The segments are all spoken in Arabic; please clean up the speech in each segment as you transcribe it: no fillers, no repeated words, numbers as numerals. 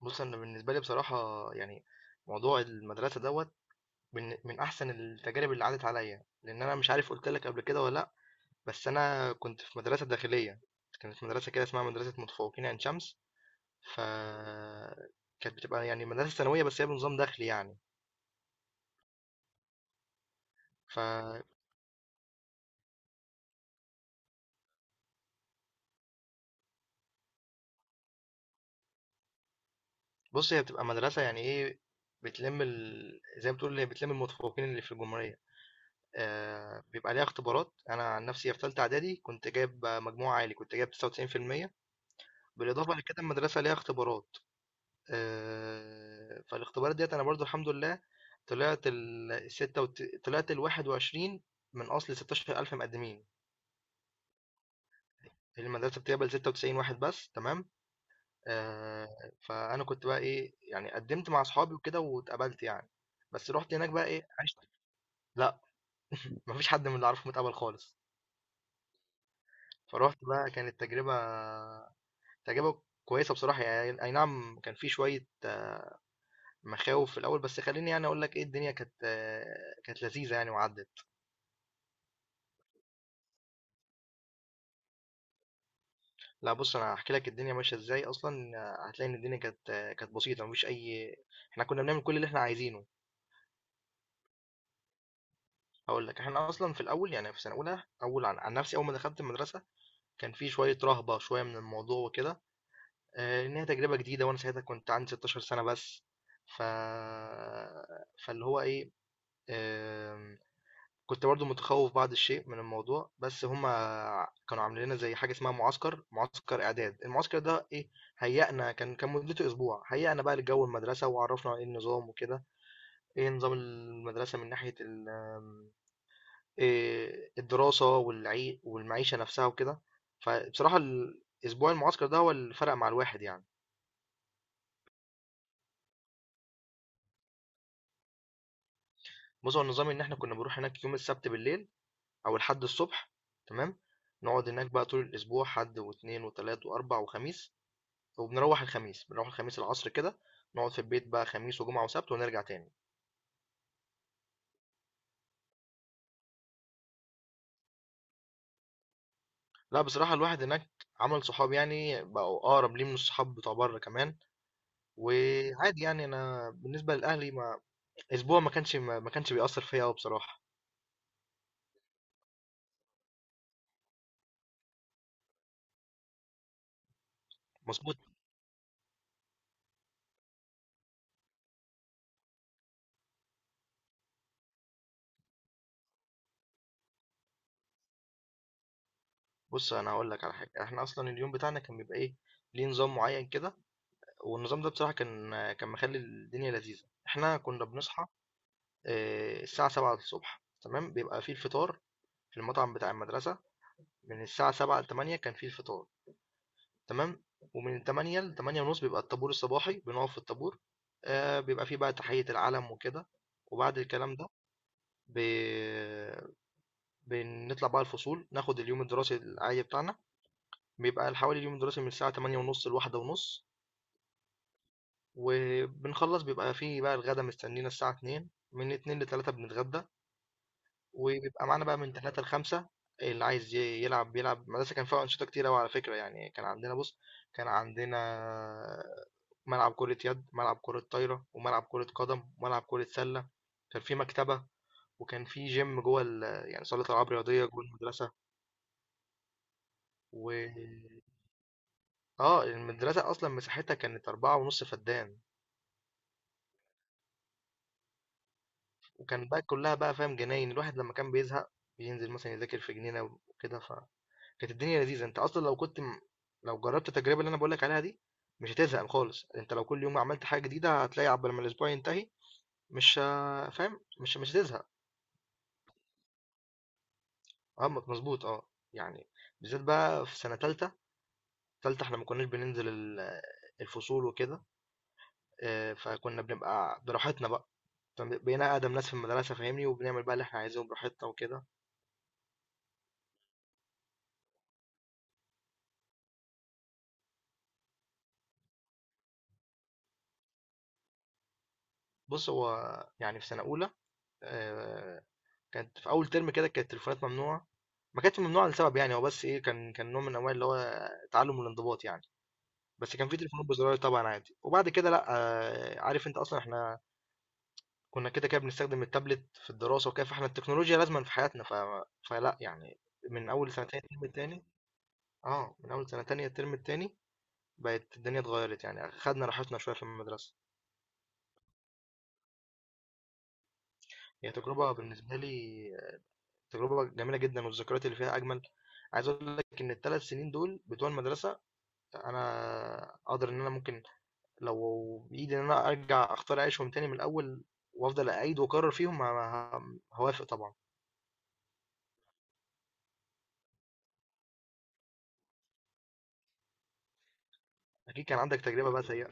بُص، أنا بالنسبة لي بصراحة يعني موضوع المدرسة دوّة من أحسن التجارب اللي عدّت عليّا، لإن أنا مش عارف قُلت لك قبل كده والّا لأ، بس أنا كنت في مدرسة داخلية. كانت مدرسة كده اسمها مدرسة متفوقين عين شمس. ف كانت بتبقى يعني مدرسة ثانوية بس هي بنظام داخلي يعني. فبُص، هي بتبقى مدرسة يعني إيه، بتلِم زي ما تقول هي بتلِم المتفوقين اللي في الجمهورية. بيبقى ليها اختبارات. أنا عن نفسي في تالتة إعدادي كنت جايب مجموع عالي، كنت جايب 99%. بالإضافة لكده المدرسة ليها اختبارات. فالاختبارات ديت أنا برضو الحمد لله طلعت طلعت 21 من أصل 16,000 مقدمين. المدرسة بتقبل 96 واحد بس، تمام. فأنا كنت بقى إيه يعني قدمت مع أصحابي وكده واتقبلت يعني، بس رحت هناك بقى إيه عشت. لأ، مفيش حد من اللي أعرفه متقبل خالص. فرحت بقى، كانت تجربة تجربة كويسة بصراحة يعني. أي نعم كان في شوية مخاوف في الاول، بس خليني يعني اقول لك ايه، الدنيا كانت كانت لذيذه يعني وعدت. لا بص انا هحكي لك الدنيا ماشيه ازاي اصلا. هتلاقي ان الدنيا كانت كانت بسيطه مفيش اي. احنا كنا بنعمل كل اللي احنا عايزينه. هقول لك، احنا اصلا في الاول يعني في سنه اولى اول عن نفسي اول ما دخلت المدرسه كان في شويه رهبه شويه من الموضوع وكده. ان هي تجربه جديده وانا ساعتها كنت عندي 16 سنه بس. ف فاللي هو ايه آم، كنت برضو متخوف بعض الشيء من الموضوع، بس هما كانوا عاملين لنا زي حاجة اسمها معسكر إعداد. المعسكر ده إيه، هيأنا كان مدته أسبوع، هيأنا بقى لجو المدرسة وعرفنا إيه النظام وكده، إيه نظام المدرسة من ناحية ال- آم، إيه الدراسة والعي والمعيشة نفسها وكده. فبصراحة الأسبوع المعسكر ده هو اللي فرق مع الواحد يعني. بص هو النظام إن إحنا كنا بنروح هناك يوم السبت بالليل أو الحد الصبح، تمام. نقعد هناك بقى طول الأسبوع، حد واثنين وثلاث وأربع وخميس. وبنروّح الخميس، بنروّح الخميس العصر كده، نقعد في البيت بقى خميس وجمعة وسبت ونرجع تاني. لأ بصراحة الواحد هناك عمل صحاب يعني، بقوا أقرب ليه من الصحاب بتوع برّه كمان. وعادي يعني أنا بالنسبة لأهلي، ما أسبوع ما كانش بيأثّر فيّا أوي بصراحة. مضبوط. بُص أنا هاقول لك على حاجة. إحنا أصلًا اليوم بتاعنا كان بيبقى إيه، ليه نظام معيّن كده. والنظام ده بصراحة كان مخلّي الدنيا لذيذة. إحنا كنا بنصحى الساعة 07:00 ص، تمام. بيبقى في الفطار في المطعم بتاع المدرسة. من الساعة 07:00 ل08:00 كان في الفطار، تمام. ومن 08:00 ل08:30 بيبقى الطابور الصباحي، بنقف في الطابور. بيبقى في بقى تحية العلم وكده. وبعد الكلام ده ب بنطلع بقى الفصول، ناخد اليوم الدراسي العادي بتاعنا. بيبقى حوالي اليوم الدراسي من الساعة 08:30 ل13:30. وبنخلص بيبقى في بقى الغدا مستنينا الساعة 14:00. من 14:00 ل15:00 بنتغدى. وبيبقى معانا بقى من 3 ل5. اللي عايز يلعب بيلعب. المدرسة كان فيها أنشطة كتير أوي على فكرة يعني. كان عندنا بص، كان عندنا ملعب كرة يد، ملعب كرة طايرة، وملعب كرة قدم، وملعب كرة سلة. كان في مكتبة، وكان في جيم جوه يعني صالة ألعاب رياضية جوه المدرسة. و اه المدرسة أصلا مساحتها كانت 4.5 فدان. وكان بقى كلها بقى فاهم جناين، الواحد لما كان بيزهق بينزل مثلا يذاكر في جنينة وكده. كانت الدنيا لذيذة. انت اصلا لو جربت التجربة اللي انا بقولك عليها دي مش هتزهق خالص. انت لو كل يوم عملت حاجة جديدة هتلاقي عقبال ما الاسبوع ينتهي مش ه- فاهم مش هتزهق. اه مظبوط اه. يعني بالذات بقى في سنة تالتة، احنا ما كناش بننزل الفصول وكده. اه، فكنا بنبقى براحتنا بقى، بقينا أقدم ناس في المدرسة، فاهمني، وبنعمل بقى اللي احنا عايزينه براحتنا وكده. بص هو يعني في سنة أولى آه، كانت في أول ترم كده كانت التليفونات ممنوعة. ما كانتش ممنوعة لسبب يعني، هو بس إيه، كان نوع من أنواع اللي هو تعلم الانضباط يعني. بس كان في تليفونات بزراير طبعًا عادي. وبعد كده لأ، عارف أنت أصلًا إحنا كنا كده كده بنستخدم التابلت في الدراسة وكده، فإحنا التكنولوجيا لازمًا في حياتنا فلأ يعني. من أول سنة تانية الترم التاني، آه، من أول سنة تانية الترم التاني بقت الدنيا اتغيرت يعني، خدنا راحتنا شوية في المدرسة. هي تجربة بالنسبة لي تجربة جميلة جدًا، والذكريات اللي فيها أجمل. عايز أقول لك إن ال3 سنين دول بتوع المدرسة انا اقدر ان انا ممكن، لو بايدي ان انا ارجع اختار اعيشهم تاني من الاول وافضل اعيد واكرر فيهم، هوافق طبعا. اكيد كان عندك تجربه بقى سيئه.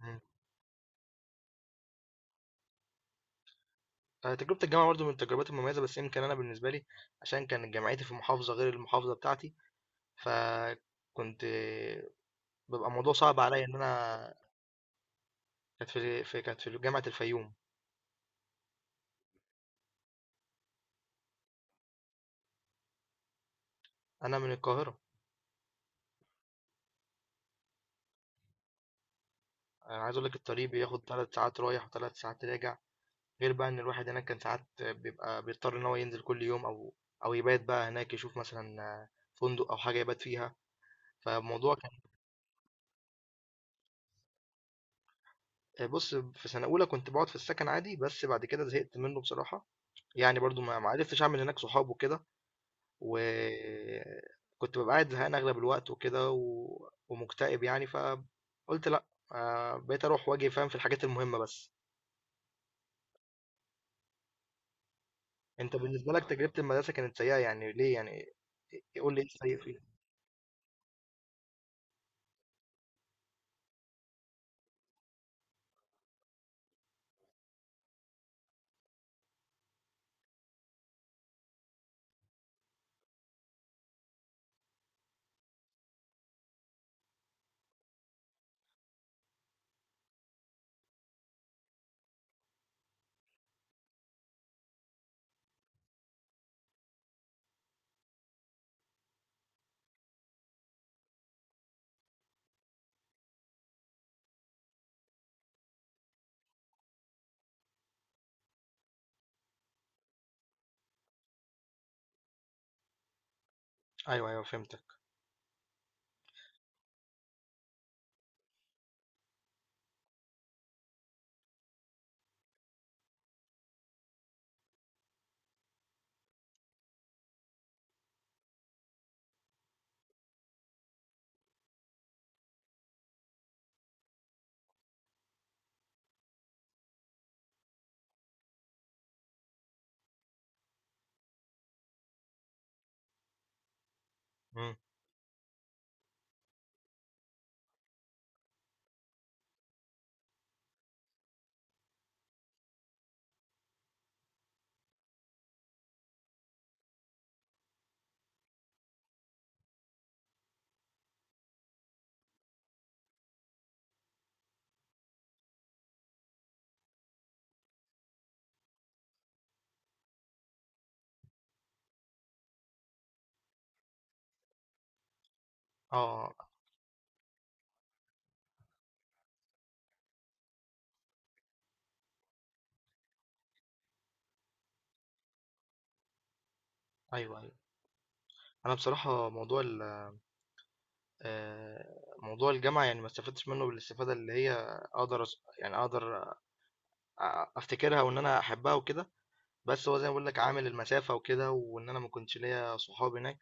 مم. تجربه الجامعه برضو من التجربات المميزه، بس يمكن انا بالنسبه لي عشان كان جامعتي في محافظه غير المحافظه بتاعتي. فكنت بيبقى الموضوع صعب عليا ان انا. كانت في جامعه الفيوم. انا من القاهره. انا عايز اقول لك الطريق بياخد 3 ساعات رايح وثلاث ساعات راجع. غير بقى إن الواحد هناك كان ساعات بيبقى بيضطر إن هو ينزل كل يوم أو يبات بقى هناك، يشوف مثلا فندق أو حاجة يبات فيها. فالموضوع كان بص في سنة أولى كنت بقعد في السكن عادي، بس بعد كده زهقت منه بصراحة. يعني برضو ما عرفتش أعمل هناك صحاب وكده. وكنت ببقى قاعد زهقان أغلب الوقت وكده ومكتئب يعني، فقلت لأ. بقيت أروح وأجي فاهم، في الحاجات المهمة بس. أنت بالنسبة لك تجربة المدرسة كانت سيئة يعني ليه يعني؟ إيه، قول لي إيه السيء فيها. أيوه أيوه فهمتك. آه، أيوه، أيوه. أنا بصراحة موضوع ال موضوع الجامعة يعني ما استفدتش منه بالاستفادة اللي هي أقدر أس يعني أقدر أفتكرها وإن أنا أحبها وكده. بس هو زي ما باقول لك عامل المسافة وكده، وإن أنا ما كنتش ليّا صحاب هناك.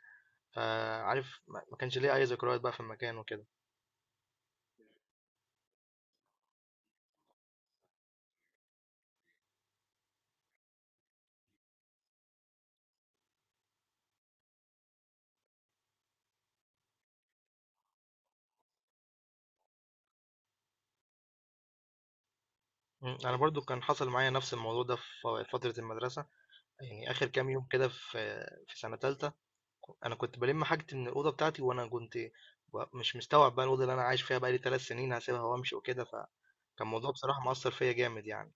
فعارف ما كانش ليّا أي ذكريات بقى في المكان وكده. إمم، أنا برضه كان حصل معايا نفس الموضوع ده في فترة المدرسة، يعني آخر كام يوم كده في في سنة تالتة، أنا كنت بالِم حاجتي من الأوضة بتاعتي، وأنا كنت مش مستوعب بقى الأوضة اللي أنا عايش فيها بقى لي 3 سنين هاسيبها وأمشي وكده كان موضوع بصراحة مؤثر فيا جامد يعني.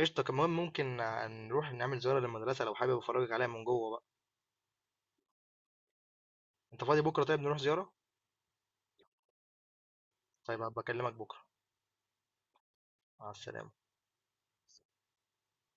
قشطة، كمان ممكن نروح نعمل زيارة للمدرسة لو حابب أفرجك عليها من جوه بقى. أنت فاضي بكرة؟ طيب نروح زيارة؟ طيب هبقى أكلمك بكرة. مع السلامة.